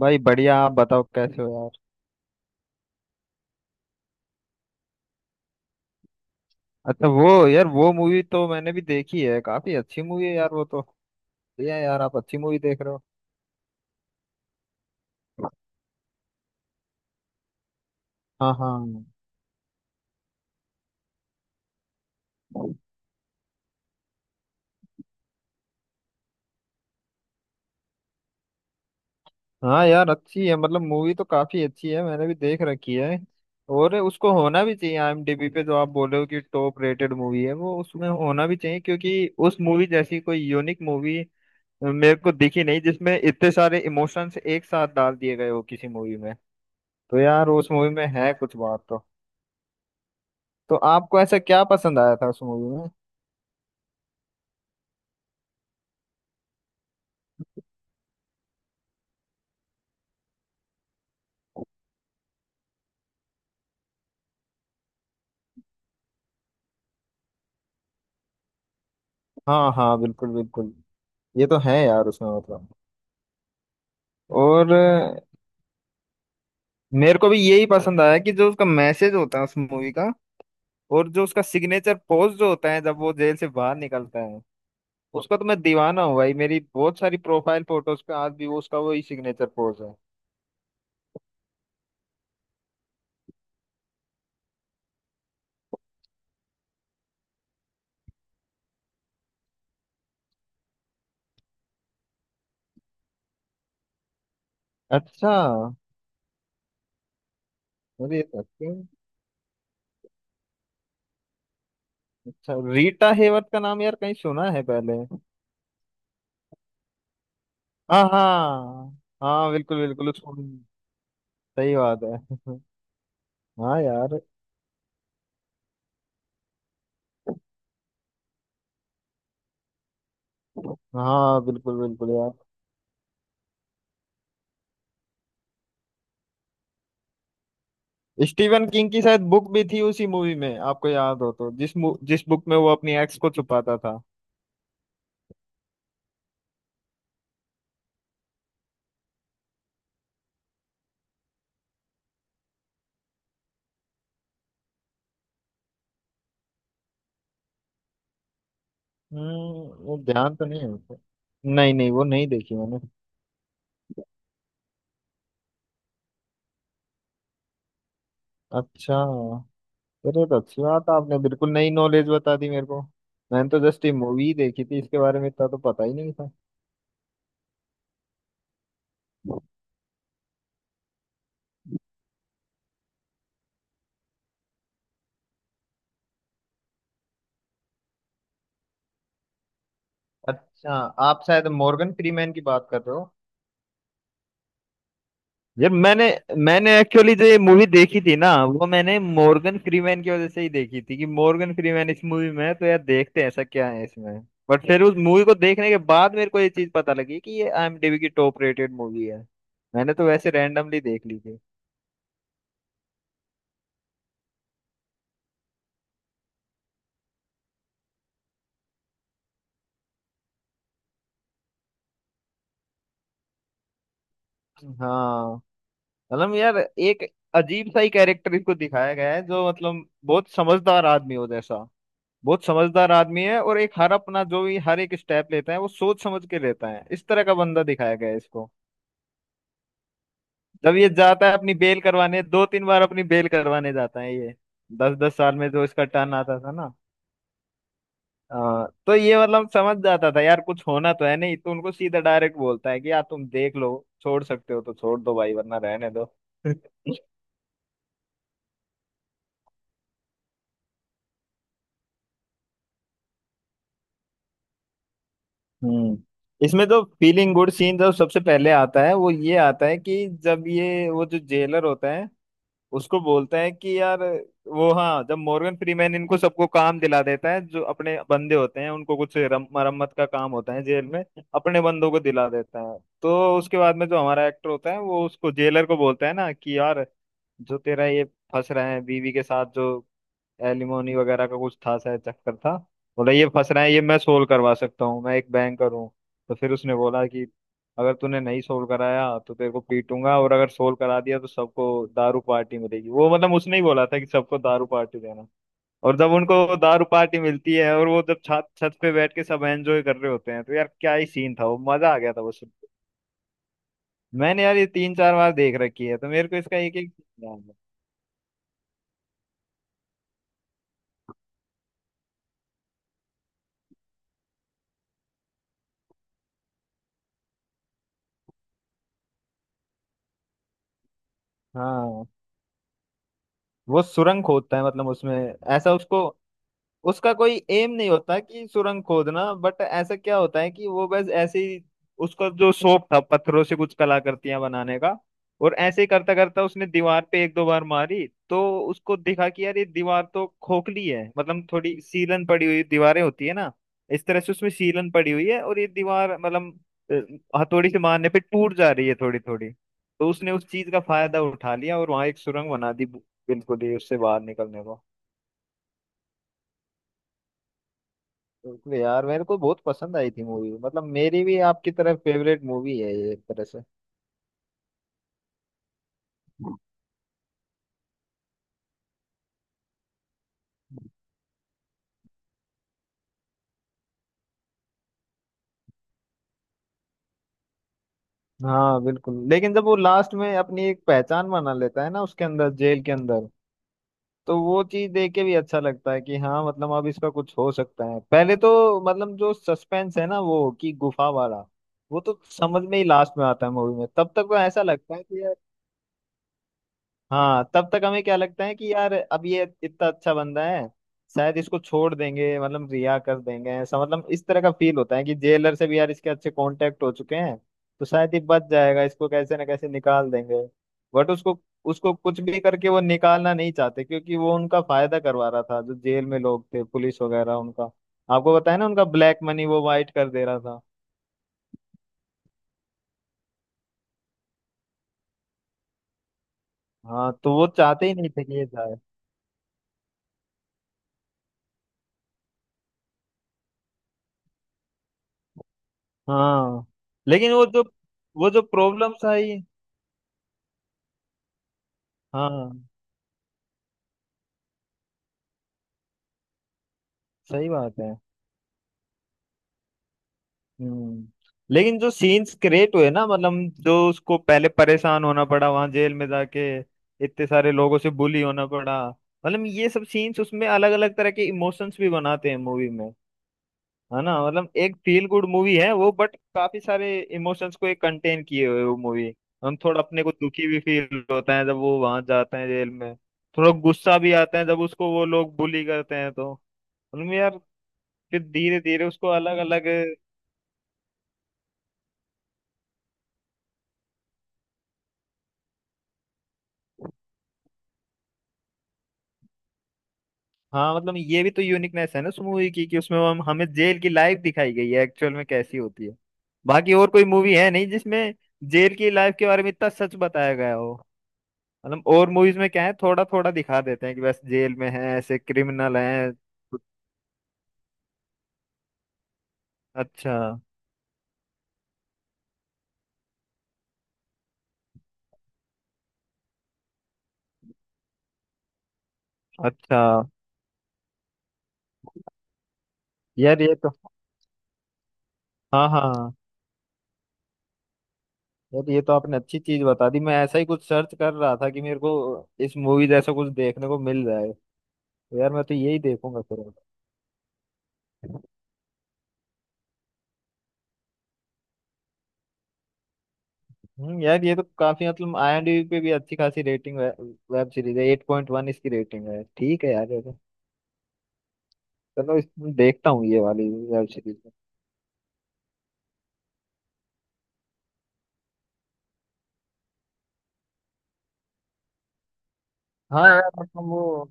भाई बढ़िया आप बताओ कैसे हो यार। अच्छा वो यार वो मूवी तो मैंने भी देखी है। काफी अच्छी मूवी है यार वो तो। बढ़िया है यार आप अच्छी मूवी देख रहे हो। हाँ हाँ। हाँ यार अच्छी है मतलब मूवी तो काफी अच्छी है मैंने भी देख रखी है। और उसको होना भी चाहिए आईएमडीबी पे जो आप बोले हो कि टॉप रेटेड मूवी है वो उसमें होना भी चाहिए, क्योंकि उस मूवी जैसी कोई यूनिक मूवी मेरे को दिखी नहीं जिसमें इतने सारे इमोशंस एक साथ डाल दिए गए हो किसी मूवी में। तो यार उस मूवी में है कुछ बात तो। तो आपको ऐसा क्या पसंद आया था उस मूवी में? हाँ हाँ बिल्कुल बिल्कुल। ये तो है यार उसमें मतलब। और मेरे को भी यही पसंद आया कि जो उसका मैसेज होता है उस मूवी का। और जो उसका सिग्नेचर पोज जो होता है जब वो जेल से बाहर निकलता है उसका तो मैं दीवाना हूँ भाई। मेरी बहुत सारी प्रोफाइल फोटोज पे आज भी वो उसका वही सिग्नेचर पोज है। अच्छा। अरे ये तो अच्छा। अच्छा, रीटा हेवर्थ का नाम यार कहीं सुना है पहले। हाँ हाँ। हाँ बिल्कुल बिल्कुल उसको। सही बात है। हाँ यार। हाँ बिल्कुल बिल्कुल यार। स्टीवन किंग की शायद बुक भी थी उसी मूवी में, आपको याद हो तो, जिस बुक में वो अपनी एक्स को छुपाता था। वो ध्यान तो नहीं है मुझे। नहीं नहीं वो नहीं देखी मैंने। अच्छा। अरे तो अच्छी बात है, आपने बिल्कुल नई नॉलेज बता दी मेरे को। मैंने तो जस्ट ये मूवी देखी थी, इसके बारे में इतना तो पता ही नहीं था। अच्छा। आप शायद मॉर्गन फ्रीमैन की बात कर रहे हो। यार मैंने मैंने एक्चुअली जो ये मूवी देखी थी ना वो मैंने मॉर्गन फ्रीमैन की वजह से ही देखी थी कि मॉर्गन फ्रीमैन इस मूवी में है तो यार देखते हैं ऐसा क्या है इसमें। बट फिर उस मूवी को देखने के बाद मेरे को ये चीज पता लगी कि ये आईएमडीबी की टॉप रेटेड मूवी है। मैंने तो वैसे रैंडमली देख ली थी। हाँ मतलब यार एक अजीब सा ही कैरेक्टर इसको दिखाया गया है जो मतलब बहुत समझदार आदमी हो जैसा। बहुत समझदार आदमी है और एक हर अपना जो भी हर एक स्टेप लेता है वो सोच समझ के लेता है, इस तरह का बंदा दिखाया गया है इसको। जब ये जाता है अपनी बेल करवाने, दो तीन बार अपनी बेल करवाने जाता है ये। दस दस साल में जो इसका टर्न आता था ना। तो ये मतलब समझ जाता था यार कुछ होना तो है नहीं तो उनको सीधा डायरेक्ट बोलता है कि यार तुम देख लो, छोड़ सकते हो तो छोड़ दो भाई वरना रहने दो। हम्म इसमें जो फीलिंग गुड सीन जो सबसे पहले आता है वो ये आता है कि जब ये वो जो जेलर होता है उसको बोलते हैं कि यार वो, हाँ, जब मॉर्गन फ्रीमैन इनको सबको काम दिला देता है, जो अपने बंदे होते हैं उनको, कुछ मरम्मत का काम होता है जेल में, अपने बंदों को दिला देता है। तो उसके बाद में जो हमारा एक्टर होता है वो उसको जेलर को बोलता है ना कि यार जो तेरा ये फंस रहा है बीवी के साथ जो एलिमोनी वगैरह का कुछ था शायद चक्कर था। बोला, ये फंस रहा है, ये मैं सोल्व करवा सकता हूँ, मैं एक बैंकर हूँ। तो फिर उसने बोला कि अगर तूने नहीं सोल्व कराया तो तेरे को पीटूंगा और अगर सोल्व करा दिया तो सबको दारू पार्टी मिलेगी, वो मतलब उसने ही बोला था कि सबको दारू पार्टी देना। और जब उनको दारू पार्टी मिलती है और वो जब छत छत पे बैठ के सब एंजॉय कर रहे होते हैं तो यार क्या ही सीन था वो, मजा आ गया था वो सुन के। मैंने यार ये तीन चार बार देख रखी है तो मेरे को इसका एक एक ध्यान है। हाँ वो सुरंग खोदता है, मतलब उसमें ऐसा उसको उसका कोई एम नहीं होता कि सुरंग खोदना, बट ऐसा क्या होता है कि वो बस ऐसे ही उसका जो शौक था पत्थरों से कुछ कलाकृतियां बनाने का और ऐसे ही करता करता उसने दीवार पे एक दो बार मारी तो उसको दिखा कि यार ये दीवार तो खोखली है, मतलब थोड़ी सीलन पड़ी हुई दीवारें होती है ना, इस तरह से उसमें सीलन पड़ी हुई है और ये दीवार मतलब हथौड़ी से मारने पे टूट जा रही है थोड़ी थोड़ी। तो उसने उस चीज का फायदा उठा लिया और वहां एक सुरंग बना दी बिल्कुल ही उससे बाहर निकलने को। बिल्कुल यार मेरे को बहुत पसंद आई थी मूवी, मतलब मेरी भी आपकी तरह फेवरेट मूवी है ये एक तरह से। हाँ बिल्कुल लेकिन जब वो लास्ट में अपनी एक पहचान बना लेता है ना उसके अंदर जेल के अंदर तो वो चीज देख के भी अच्छा लगता है कि हाँ, मतलब अब इसका कुछ हो सकता है। पहले तो मतलब जो सस्पेंस है ना वो कि गुफा वाला, वो तो समझ में ही लास्ट में आता है मूवी में, तब तक तो ऐसा लगता है कि हाँ, तब तक हमें क्या लगता है कि यार अब ये इतना अच्छा बंदा है शायद इसको छोड़ देंगे, मतलब रिहा कर देंगे, ऐसा मतलब इस तरह का फील होता है कि जेलर से भी यार इसके अच्छे कांटेक्ट हो चुके हैं तो शायद ये बच जाएगा इसको कैसे ना कैसे निकाल देंगे। बट उसको उसको कुछ भी करके वो निकालना नहीं चाहते क्योंकि वो उनका फायदा करवा रहा था, जो जेल में लोग थे पुलिस वगैरह उनका। आपको बताया ना, उनका ब्लैक मनी वो वाइट कर दे रहा था। हाँ तो वो चाहते ही नहीं थे कि ये जाए। हाँ लेकिन वो जो प्रॉब्लम्स आई, हाँ सही बात है। हम्म लेकिन जो सीन्स क्रिएट हुए ना, मतलब जो उसको पहले परेशान होना पड़ा वहां जेल में जाके, इतने सारे लोगों से बुली होना पड़ा, मतलब ये सब सीन्स उसमें अलग अलग तरह के इमोशंस भी बनाते हैं मूवी में, है ना। मतलब एक फील गुड मूवी है वो, बट काफी सारे इमोशंस को एक कंटेन किए हुए वो मूवी। हम थोड़ा अपने को दुखी भी फील होता है जब वो वहां जाता है जेल में, थोड़ा गुस्सा भी आता है जब उसको वो लोग बुली करते हैं तो, मतलब यार फिर धीरे धीरे उसको अलग अलग। हाँ मतलब ये भी तो यूनिकनेस है ना उस मूवी की कि उसमें हम हमें जेल की लाइफ दिखाई गई है एक्चुअल में कैसी होती है। बाकी और कोई मूवी है नहीं जिसमें जेल की लाइफ के बारे में इतना सच बताया गया हो। मतलब और मूवीज में क्या है, थोड़ा थोड़ा दिखा देते हैं कि बस जेल में है ऐसे क्रिमिनल हैं। अच्छा अच्छा। यार ये तो, हाँ हाँ यार ये तो आपने अच्छी चीज बता दी, मैं ऐसा ही कुछ सर्च कर रहा था कि मेरे को इस मूवी जैसा कुछ देखने को मिल जाए। तो यार मैं तो यही देखूंगा फिर। यार ये तो काफी मतलब आईएमडीबी पे भी अच्छी खासी रेटिंग है। वेब सीरीज है, 8.1 इसकी रेटिंग है, ठीक है यार ये तो, चलो इस, देखता हूँ ये वाली वेब सीरीज। हाँ यार मतलब वो।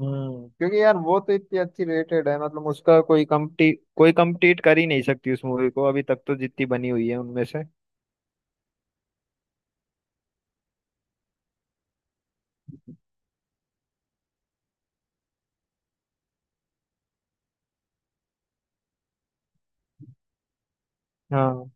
क्योंकि यार वो तो इतनी अच्छी रेटेड है, मतलब उसका कोई कम्पटी कोई कम्पीट कर ही नहीं सकती उस मूवी को अभी तक तो, जितनी बनी हुई है उनमें से। हाँ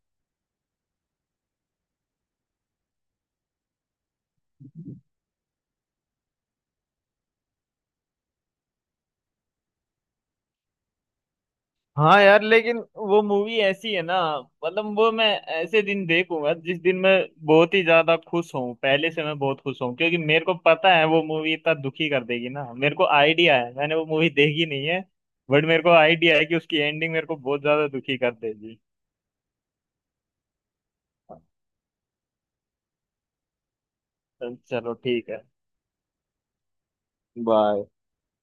हाँ। यार लेकिन वो मूवी ऐसी है ना, मतलब वो मैं ऐसे दिन देखूंगा जिस दिन मैं बहुत ही ज्यादा खुश हूँ, पहले से मैं बहुत खुश हूँ, क्योंकि मेरे को पता है वो मूवी इतना दुखी कर देगी ना, मेरे को आइडिया है, मैंने वो मूवी देखी नहीं है बट मेरे को आइडिया है कि उसकी एंडिंग मेरे को बहुत ज्यादा दुखी कर देगी। चलो ठीक है। बाय।